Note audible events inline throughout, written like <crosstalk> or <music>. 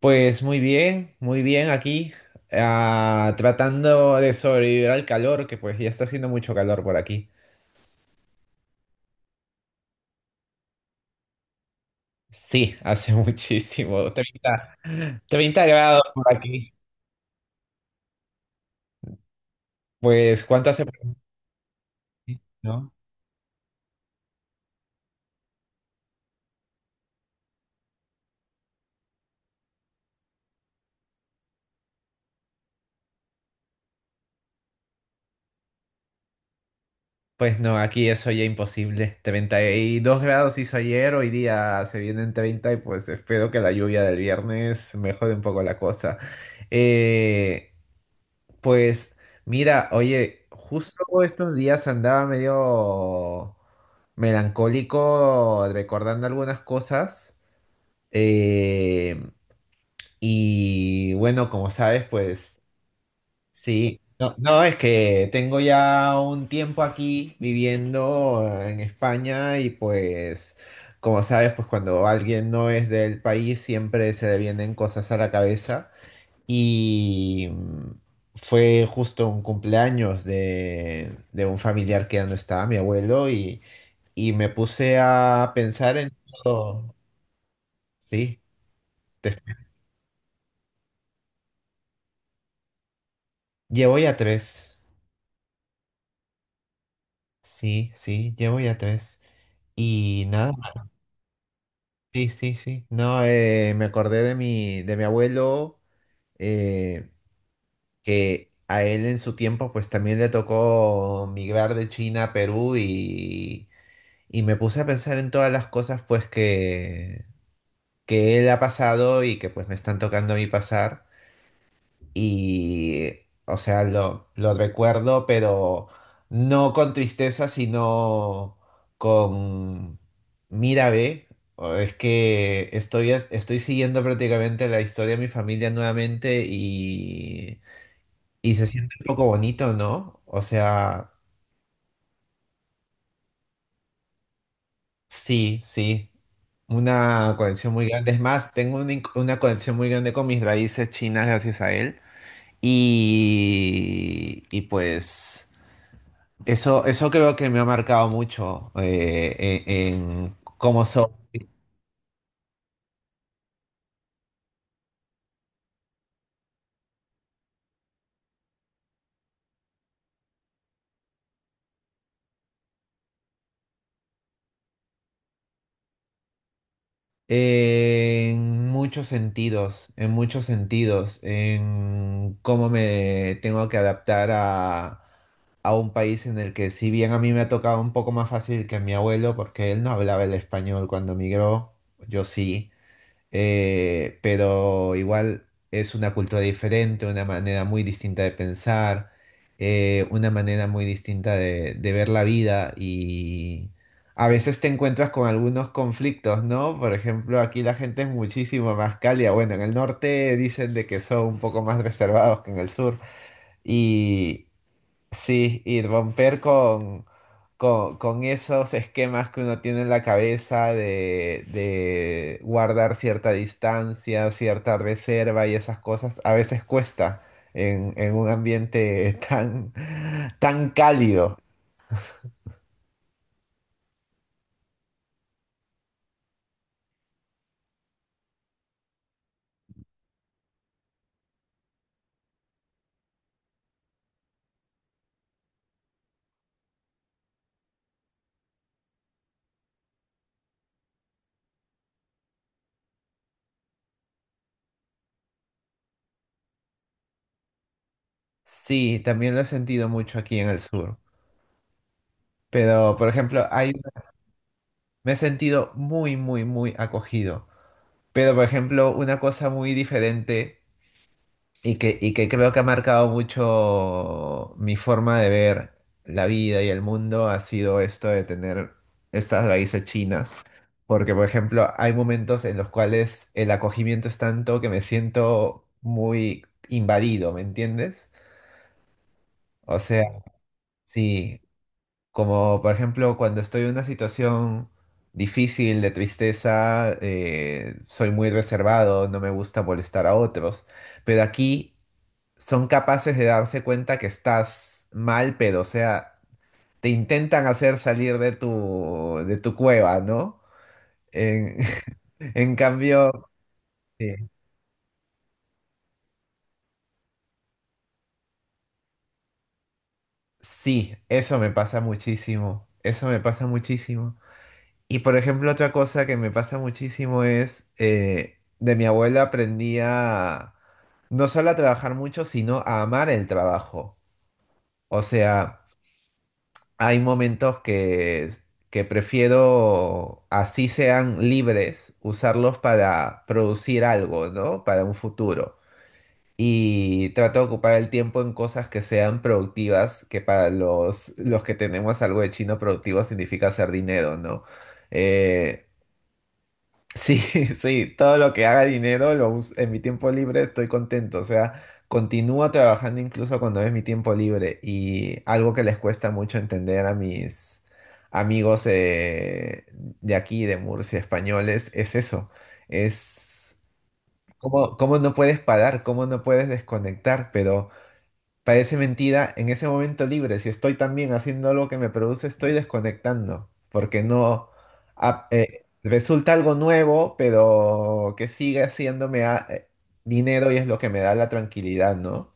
Pues muy bien aquí, tratando de sobrevivir al calor, que pues ya está haciendo mucho calor por aquí. Sí, hace <laughs> muchísimo, treinta grados por aquí. ¿Pues cuánto hace por aquí? ¿No? Pues no, aquí eso ya imposible. 32 grados hizo ayer, hoy día se vienen 30 y pues espero que la lluvia del viernes mejore un poco la cosa. Eh, Pues mira, oye, justo estos días andaba medio melancólico recordando algunas cosas. eh, y bueno, como sabes, pues sí. No, no, es que tengo ya un tiempo aquí viviendo en España y pues, como sabes, pues cuando alguien no es del país siempre se le vienen cosas a la cabeza. Y mm, Fue justo un cumpleaños de un familiar que ya no estaba, mi abuelo, y me puse a pensar en todo. Sí, te- llevo ya tres. Sí, sí, llevo ya tres. Y nada, sí, sí, sí. No, me acordé de mi abuelo, eh, que a él en su tiempo pues también le tocó migrar de China a Perú, y me puse a pensar en todas las cosas pues que él ha pasado y que pues me están tocando a mí pasar. Y, o sea, lo recuerdo, pero no con tristeza, sino con, mira, ve, o es que estoy, estoy siguiendo prácticamente la historia de mi familia nuevamente, y se siente un poco bonito, ¿no? O sea... Sí, sí. Una conexión muy grande. Es más, tengo una conexión muy grande con mis raíces chinas gracias a él. Y pues eso creo que me ha marcado mucho en cómo soy. En muchos sentidos, en muchos sentidos, en cómo me tengo que adaptar a un país en el que si bien a mí me ha tocado un poco más fácil que a mi abuelo, porque él no hablaba el español cuando migró, yo sí. Pero igual es una cultura diferente, una manera muy distinta de pensar, una manera muy distinta de ver la vida y a veces te encuentras con algunos conflictos, ¿no? Por ejemplo, aquí la gente es muchísimo más cálida. Bueno, en el norte dicen de que son un poco más reservados que en el sur y, sí, y romper con, con esos esquemas que uno tiene en la cabeza de guardar cierta distancia, cierta reserva y esas cosas, a veces cuesta en un ambiente <laughs> tan, tan cálido. Sí, también lo he sentido mucho aquí en el sur. Pero, por ejemplo, me he sentido muy, muy, muy acogido. Pero, por ejemplo, una cosa muy diferente. Y que creo que ha marcado mucho mi forma de ver la vida y el mundo, ha sido esto de tener estas raíces chinas. Porque, por ejemplo, hay momentos en los cuales el acogimiento es tanto que me siento muy invadido, ¿me entiendes? O sea, sí, como por ejemplo cuando estoy en una situación difícil de tristeza, soy muy reservado, no me gusta molestar a otros. Pero aquí son capaces de darse cuenta que estás mal, pero o sea, te intentan hacer salir de tu cueva, ¿no? En, <laughs> en cambio, sí, sí, eso me pasa muchísimo, eso me pasa muchísimo. Y por ejemplo, otra cosa que me pasa muchísimo es, de mi abuela aprendí a no solo a trabajar mucho, sino a amar el trabajo. O sea, hay momentos que prefiero, así sean libres, usarlos para producir algo, ¿no? Para un futuro. Y trato de ocupar el tiempo en cosas que sean productivas, que para los que tenemos algo de chino productivo significa hacer dinero, ¿no? Eh, Sí, <laughs> sí, todo lo que haga dinero en mi tiempo libre estoy contento, o sea, continúo trabajando incluso cuando es mi tiempo libre, y algo que les cuesta mucho entender a mis amigos de aquí, de Murcia, españoles, es eso, es cómo, cómo no puedes parar, cómo no puedes desconectar, pero... Parece mentira, en ese momento libre, si estoy también haciendo algo que me produce, estoy desconectando, porque no resulta algo nuevo, pero que sigue haciéndome dinero y es lo que me da la tranquilidad, ¿no?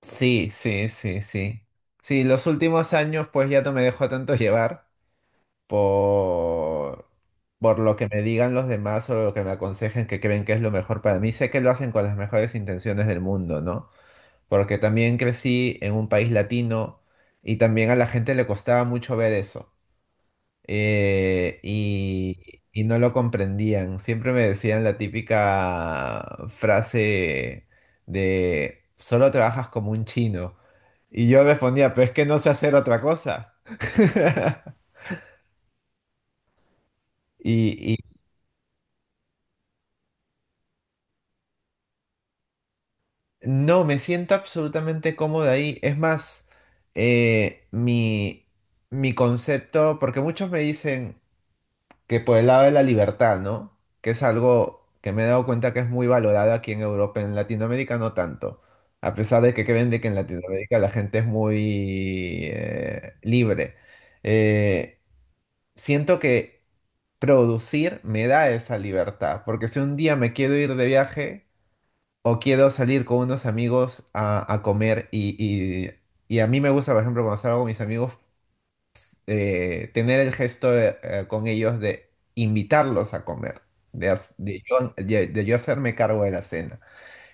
Sí, sí, sí, sí. Sí, los últimos años pues ya no me dejo tanto llevar por, por lo que me digan los demás o lo que me aconsejen que creen que es lo mejor para mí. Sé que lo hacen con las mejores intenciones del mundo, ¿no? Porque también crecí en un país latino y también a la gente le costaba mucho ver eso. Y no lo comprendían. Siempre me decían la típica frase de solo trabajas como un chino. Y yo respondía, pero es que no sé hacer otra cosa. <laughs> Y no, me siento absolutamente cómodo ahí. Es más, eh, mi, mi concepto, porque muchos me dicen que por el lado de la libertad, ¿no? Que es algo que me he dado cuenta que es muy valorado aquí en Europa, en Latinoamérica no tanto. A pesar de que creen de que en Latinoamérica la gente es muy libre. Eh, Siento que producir me da esa libertad, porque si un día me quiero ir de viaje o quiero salir con unos amigos a comer y a mí me gusta, por ejemplo, cuando salgo con mis amigos, tener el gesto con ellos de invitarlos a comer, de, haz- de yo hacerme cargo de la cena.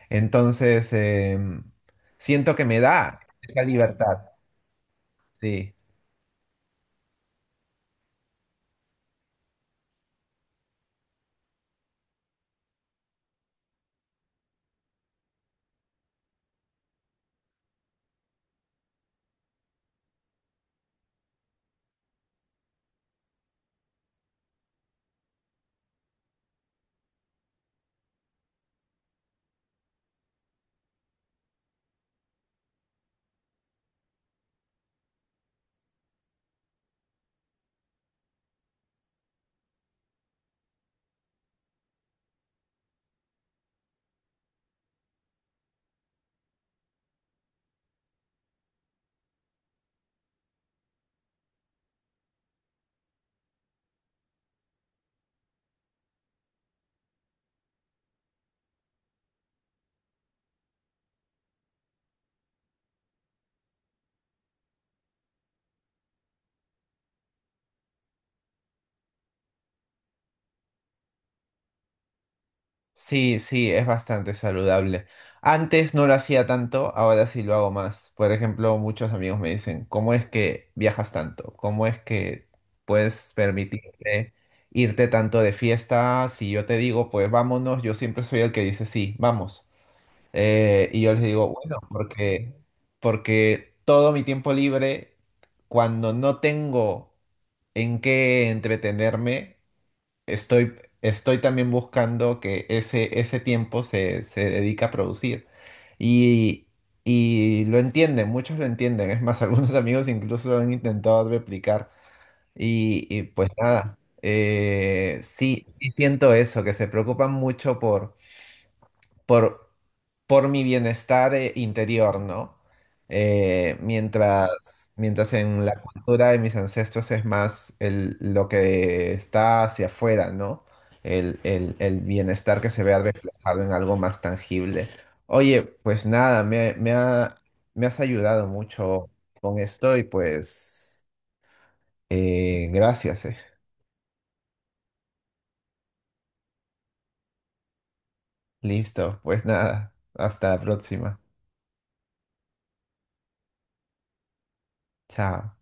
Entonces, siento que me da esa libertad. Sí, sí, sí, es bastante saludable. Antes no lo hacía tanto, ahora sí lo hago más. Por ejemplo, muchos amigos me dicen, ¿cómo es que viajas tanto? ¿Cómo es que puedes permitirte irte tanto de fiesta? Si yo te digo, pues vámonos, yo siempre soy el que dice, sí, vamos. Y yo les digo, bueno, porque, porque todo mi tiempo libre, cuando no tengo en qué entretenerme, estoy, estoy también buscando que ese tiempo se, se dedica a producir. Y, y lo entienden, muchos lo entienden. Es más, <laughs> algunos amigos incluso lo han intentado replicar. Y pues nada, sí, sí siento eso, que se preocupan mucho por por, por mi bienestar interior, ¿no? Mientras, mientras en la cultura de mis ancestros es más lo que está hacia afuera, ¿no? El bienestar que se vea reflejado en algo más tangible. Oye, pues nada, me has ayudado mucho con esto, y pues gracias. Listo, pues nada, hasta la próxima. Chao.